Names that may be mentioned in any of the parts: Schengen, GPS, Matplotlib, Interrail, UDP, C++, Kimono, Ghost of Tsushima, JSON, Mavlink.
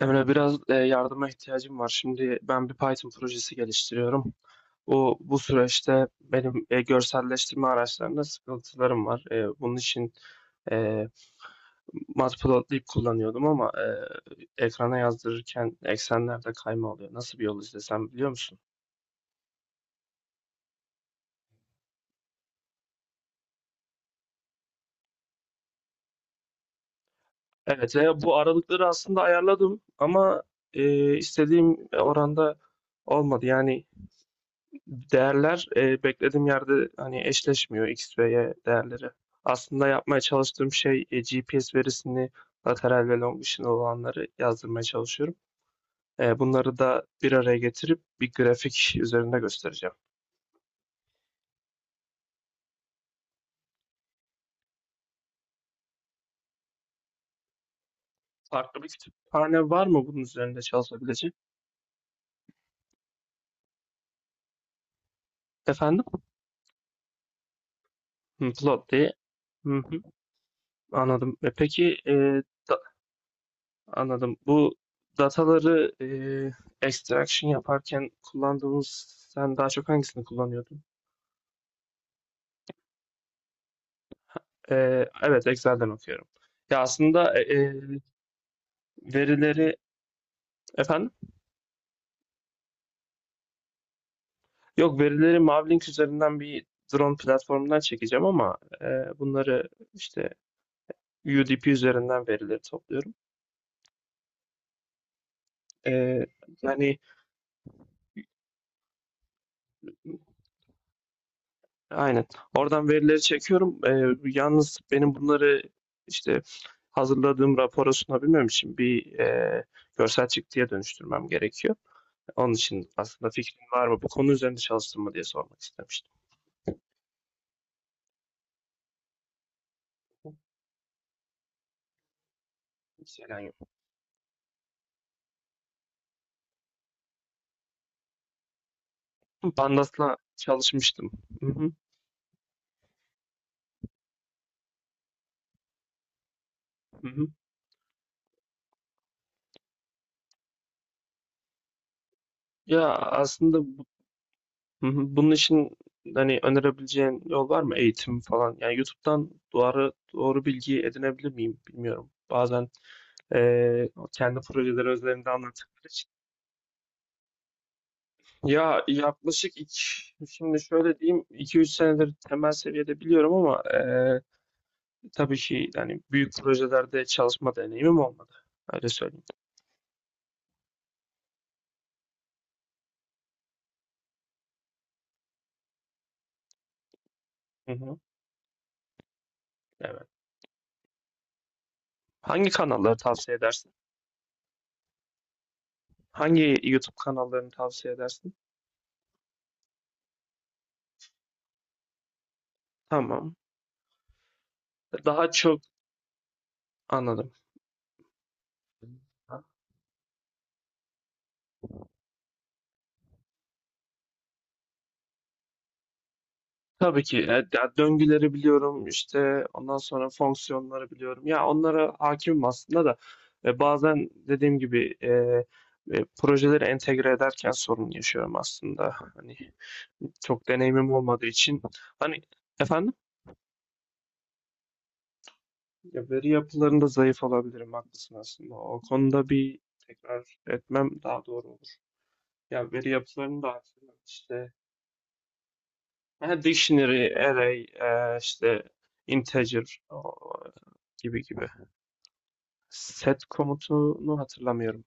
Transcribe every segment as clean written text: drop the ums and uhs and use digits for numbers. Emre biraz yardıma ihtiyacım var. Şimdi ben bir Python projesi geliştiriyorum. Bu süreçte benim görselleştirme araçlarında sıkıntılarım var. Bunun için e, Matplotlib kullanıyordum ama ekrana yazdırırken eksenlerde kayma oluyor. Nasıl bir yol izlesem biliyor musun? Evet, bu aralıkları aslında ayarladım ama istediğim oranda olmadı. Yani değerler beklediğim yerde hani eşleşmiyor X ve Y değerleri. Aslında yapmaya çalıştığım şey GPS verisini lateral ve longitudinal olanları yazdırmaya çalışıyorum. Bunları da bir araya getirip bir grafik üzerinde göstereceğim. Farklı bir kütüphane var mı bunun üzerinde çalışabilecek? Efendim? Hı, Plot diye. Hı hı, anladım. Peki da- anladım. Bu dataları extraction yaparken kullandığımız sen daha çok hangisini kullanıyordun? Evet, Excel'den okuyorum. Ya aslında verileri efendim? Yok, verileri Mavlink üzerinden bir drone platformundan çekeceğim ama bunları işte UDP üzerinden verileri topluyorum. E, Yani aynen. Oradan verileri çekiyorum. Yalnız benim bunları işte hazırladığım rapora sunabilmem için bir görsel çıktıya dönüştürmem gerekiyor. Onun için aslında fikrin var mı? Bu konu üzerinde çalıştın mı diye sormak istemiştim. Hiç Selam Pandas'la çalışmıştım. Hı hı, hı hı. Ya aslında hı hı, bunun için hani önerebileceğin yol var mı? Eğitim falan. Yani YouTube'dan doğru bilgi edinebilir miyim bilmiyorum. Bazen kendi projeleri özelinde anlattıkları için. Ya yaklaşık iki, şimdi şöyle diyeyim iki üç senedir temel seviyede biliyorum ama tabii ki yani büyük projelerde çalışma deneyimim olmadı. Öyle söyleyeyim. Hı hı, evet. Hangi kanalları tavsiye edersin? Hangi YouTube kanallarını tavsiye edersin? Tamam. Daha çok anladım. Tabii ki. Ya döngüleri biliyorum işte ondan sonra fonksiyonları biliyorum. Ya onlara hakimim aslında da bazen dediğim gibi projeleri entegre ederken sorun yaşıyorum aslında. Hani çok deneyimim olmadığı için hani efendim, ya veri yapılarında zayıf olabilirim haklısın aslında. O konuda bir tekrar etmem daha doğru olur. Ya veri yapılarını da haklısın. İşte ha, dictionary, array, işte integer o, gibi gibi. Set komutunu hatırlamıyorum.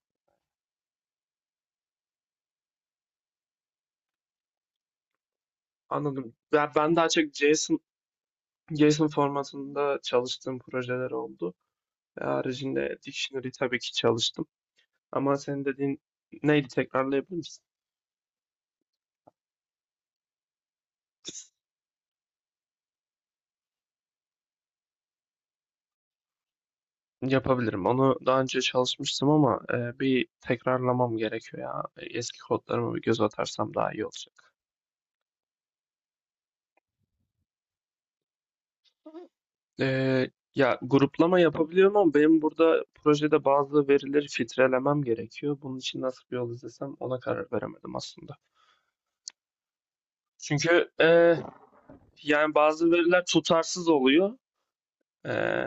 Anladım. Ben daha çok JSON, JSON formatında çalıştığım projeler oldu. Ve haricinde dictionary tabii ki çalıştım. Ama senin dediğin neydi, tekrarlayabilir misin? Yapabilirim. Onu daha önce çalışmıştım ama bir tekrarlamam gerekiyor ya. Eski kodlarıma bir göz atarsam daha iyi olacak. Ee, Ya gruplama yapabiliyorum ama benim burada projede bazı verileri filtrelemem gerekiyor. Bunun için nasıl bir yol izlesem ona karar veremedim aslında. Çünkü yani bazı veriler tutarsız oluyor. Ee,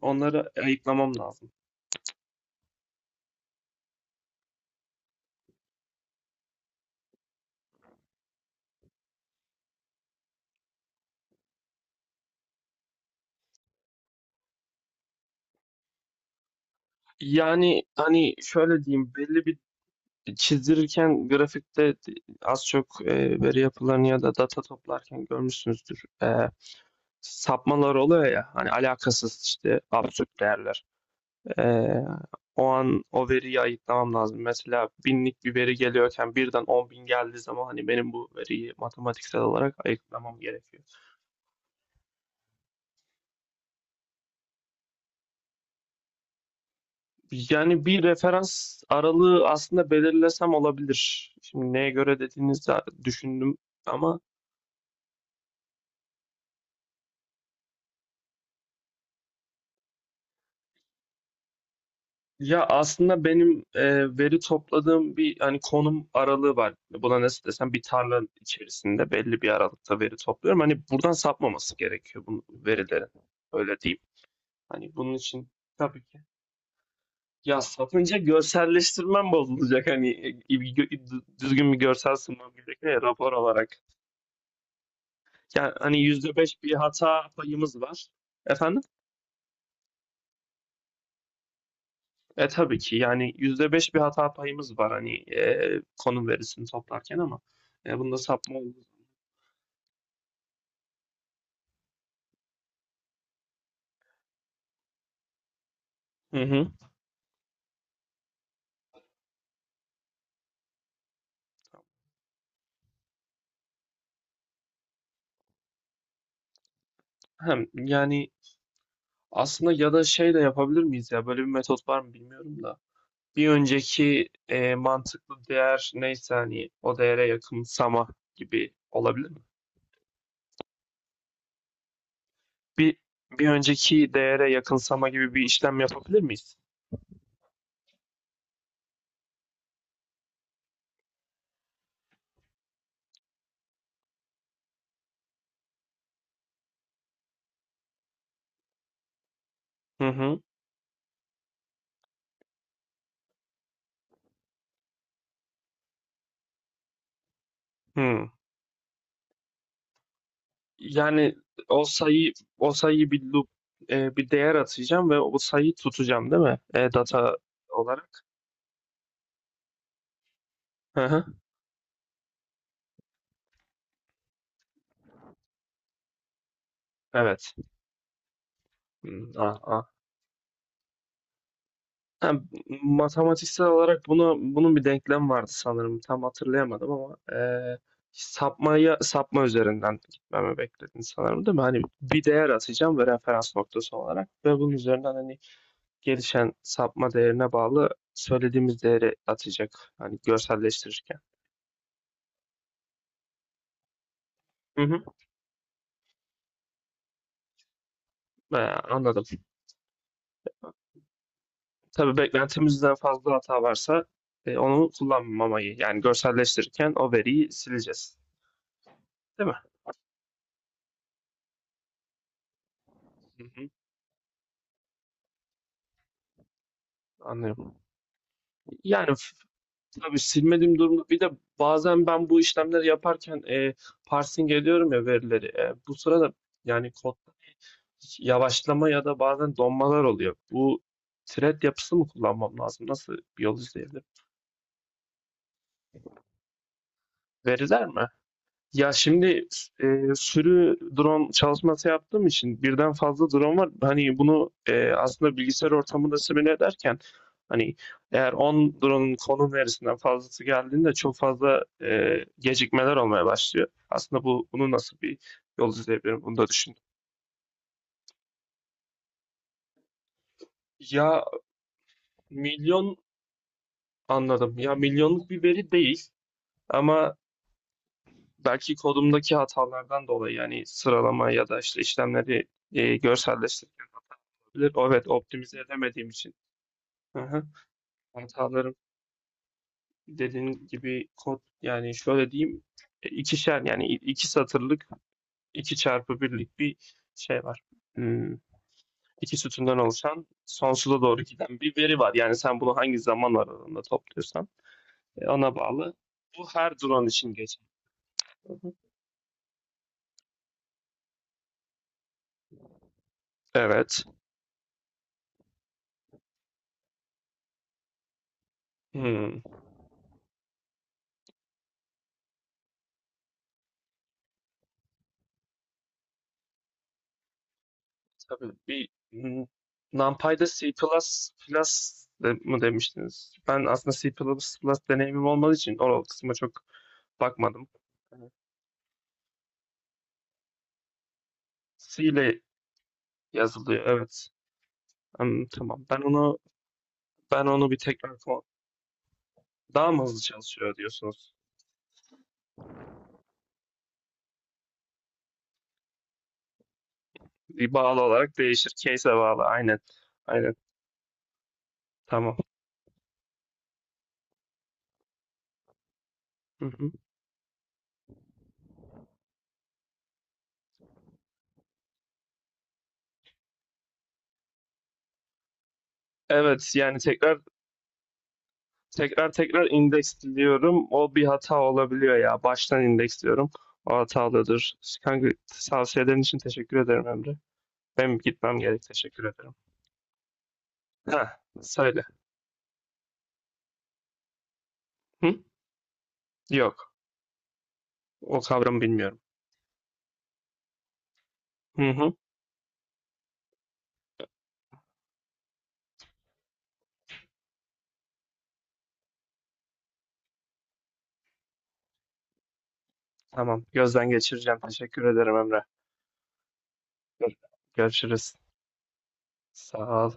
Onları ayıklamam lazım. Yani hani şöyle diyeyim belli bir çizdirirken grafikte az çok veri yapılarını ya da data toplarken görmüşsünüzdür. Sapmalar oluyor ya hani alakasız işte absürt değerler. Ee, O an o veriyi ayıklamam lazım. Mesela binlik bir veri geliyorken birden 10.000 geldiği zaman hani benim bu veriyi matematiksel olarak ayıklamam gerekiyor. Yani bir referans aralığı aslında belirlesem olabilir. Şimdi neye göre dediğinizde düşündüm ama ya aslında benim veri topladığım bir hani konum aralığı var. Buna nasıl desem bir tarla içerisinde belli bir aralıkta veri topluyorum. Hani buradan sapmaması gerekiyor bu verilerin. Öyle diyeyim. Hani bunun için tabii ki. Ya satınca görselleştirmem bozulacak. Hani düzgün bir görsel sunmam gerekiyor ya rapor olarak. Ya hani %5 bir hata payımız var. Efendim? E tabii ki yani %5 bir hata payımız var hani konum verisini toplarken ama bunda sapma olur. Hı hı. Hem yani aslında ya da şey de yapabilir miyiz, ya böyle bir metot var mı bilmiyorum da. Bir önceki mantıklı değer neyse hani o değere yakınsama gibi olabilir mi? Bir bir önceki değere yakınsama gibi bir işlem yapabilir miyiz? Hı hı. Hı. Yani o sayı o sayıyı bir loop bir değer atacağım ve o sayıyı tutacağım değil mi? Data olarak. Hı hı. Evet. Hmm, ah, ah. Ha, matematiksel olarak bunun bir denklem vardı sanırım. Tam hatırlayamadım ama sapmayı, sapma üzerinden gitmemi bekledin sanırım değil mi? Hani bir değer atacağım ve referans noktası olarak ve bunun üzerinden hani gelişen sapma değerine bağlı söylediğimiz değeri atacak. Hani görselleştirirken. Hı hı. Anladım. Tabii beklentimizden fazla hata varsa onu kullanmamayı, yani görselleştirirken o veriyi sileceğiz. Değil mi? Hı hı. Anlıyorum. Yani f- tabii silmediğim durumda bir de bazen ben bu işlemleri yaparken parsing ediyorum ya verileri. Bu sırada yani kodda hiç yavaşlama ya da bazen donmalar oluyor. Bu thread yapısı mı kullanmam lazım? Nasıl bir yol izleyebilirim? Veriler mi? Ya şimdi sürü drone çalışması yaptığım için birden fazla drone var. Hani bunu aslında bilgisayar ortamında simüle ederken hani eğer 10 drone'un konum verisinden fazlası geldiğinde çok fazla gecikmeler olmaya başlıyor. Aslında bunu nasıl bir yol izleyebilirim bunu da düşündüm. Ya milyon, anladım. Ya milyonluk bir veri değil ama belki kodumdaki hatalardan dolayı yani sıralama ya da işte işlemleri e, evet, optimize edemediğim için. Hı hı. Hatalarım dediğin gibi kod, yani şöyle diyeyim ikişer yani iki satırlık iki çarpı birlik bir şey var. Hmm, iki sütundan oluşan sonsuza doğru giden bir veri var. Yani sen bunu hangi zaman aralığında topluyorsan ona bağlı. Bu her drone için geçer. Hı hı. Evet. Hmm. Tabii NumPy'de C++ plus de, mı demiştiniz? Ben aslında C++ plus deneyimim olmadığı için o kısma çok bakmadım. Evet. C ile yazılıyor evet. Hmm, tamam. Ben onu bir tekrar daha mı hızlı çalışıyor diyorsunuz? Bir bağlı olarak değişir. Case'e bağlı. Aynen. Aynen. Tamam. Hı hı. Evet yani tekrar Tekrar tekrar indeksliyorum. O bir hata olabiliyor ya. Baştan indeksliyorum. O hatalıdır. Kanka, tavsiyelerin için teşekkür ederim Emre. Benim gitmem gerek. Teşekkür ederim. Ha, söyle. Hı? Yok. O kavramı bilmiyorum. Hı hı. Tamam. Gözden geçireceğim. Teşekkür ederim Emre. Görüşürüz. Sağ ol.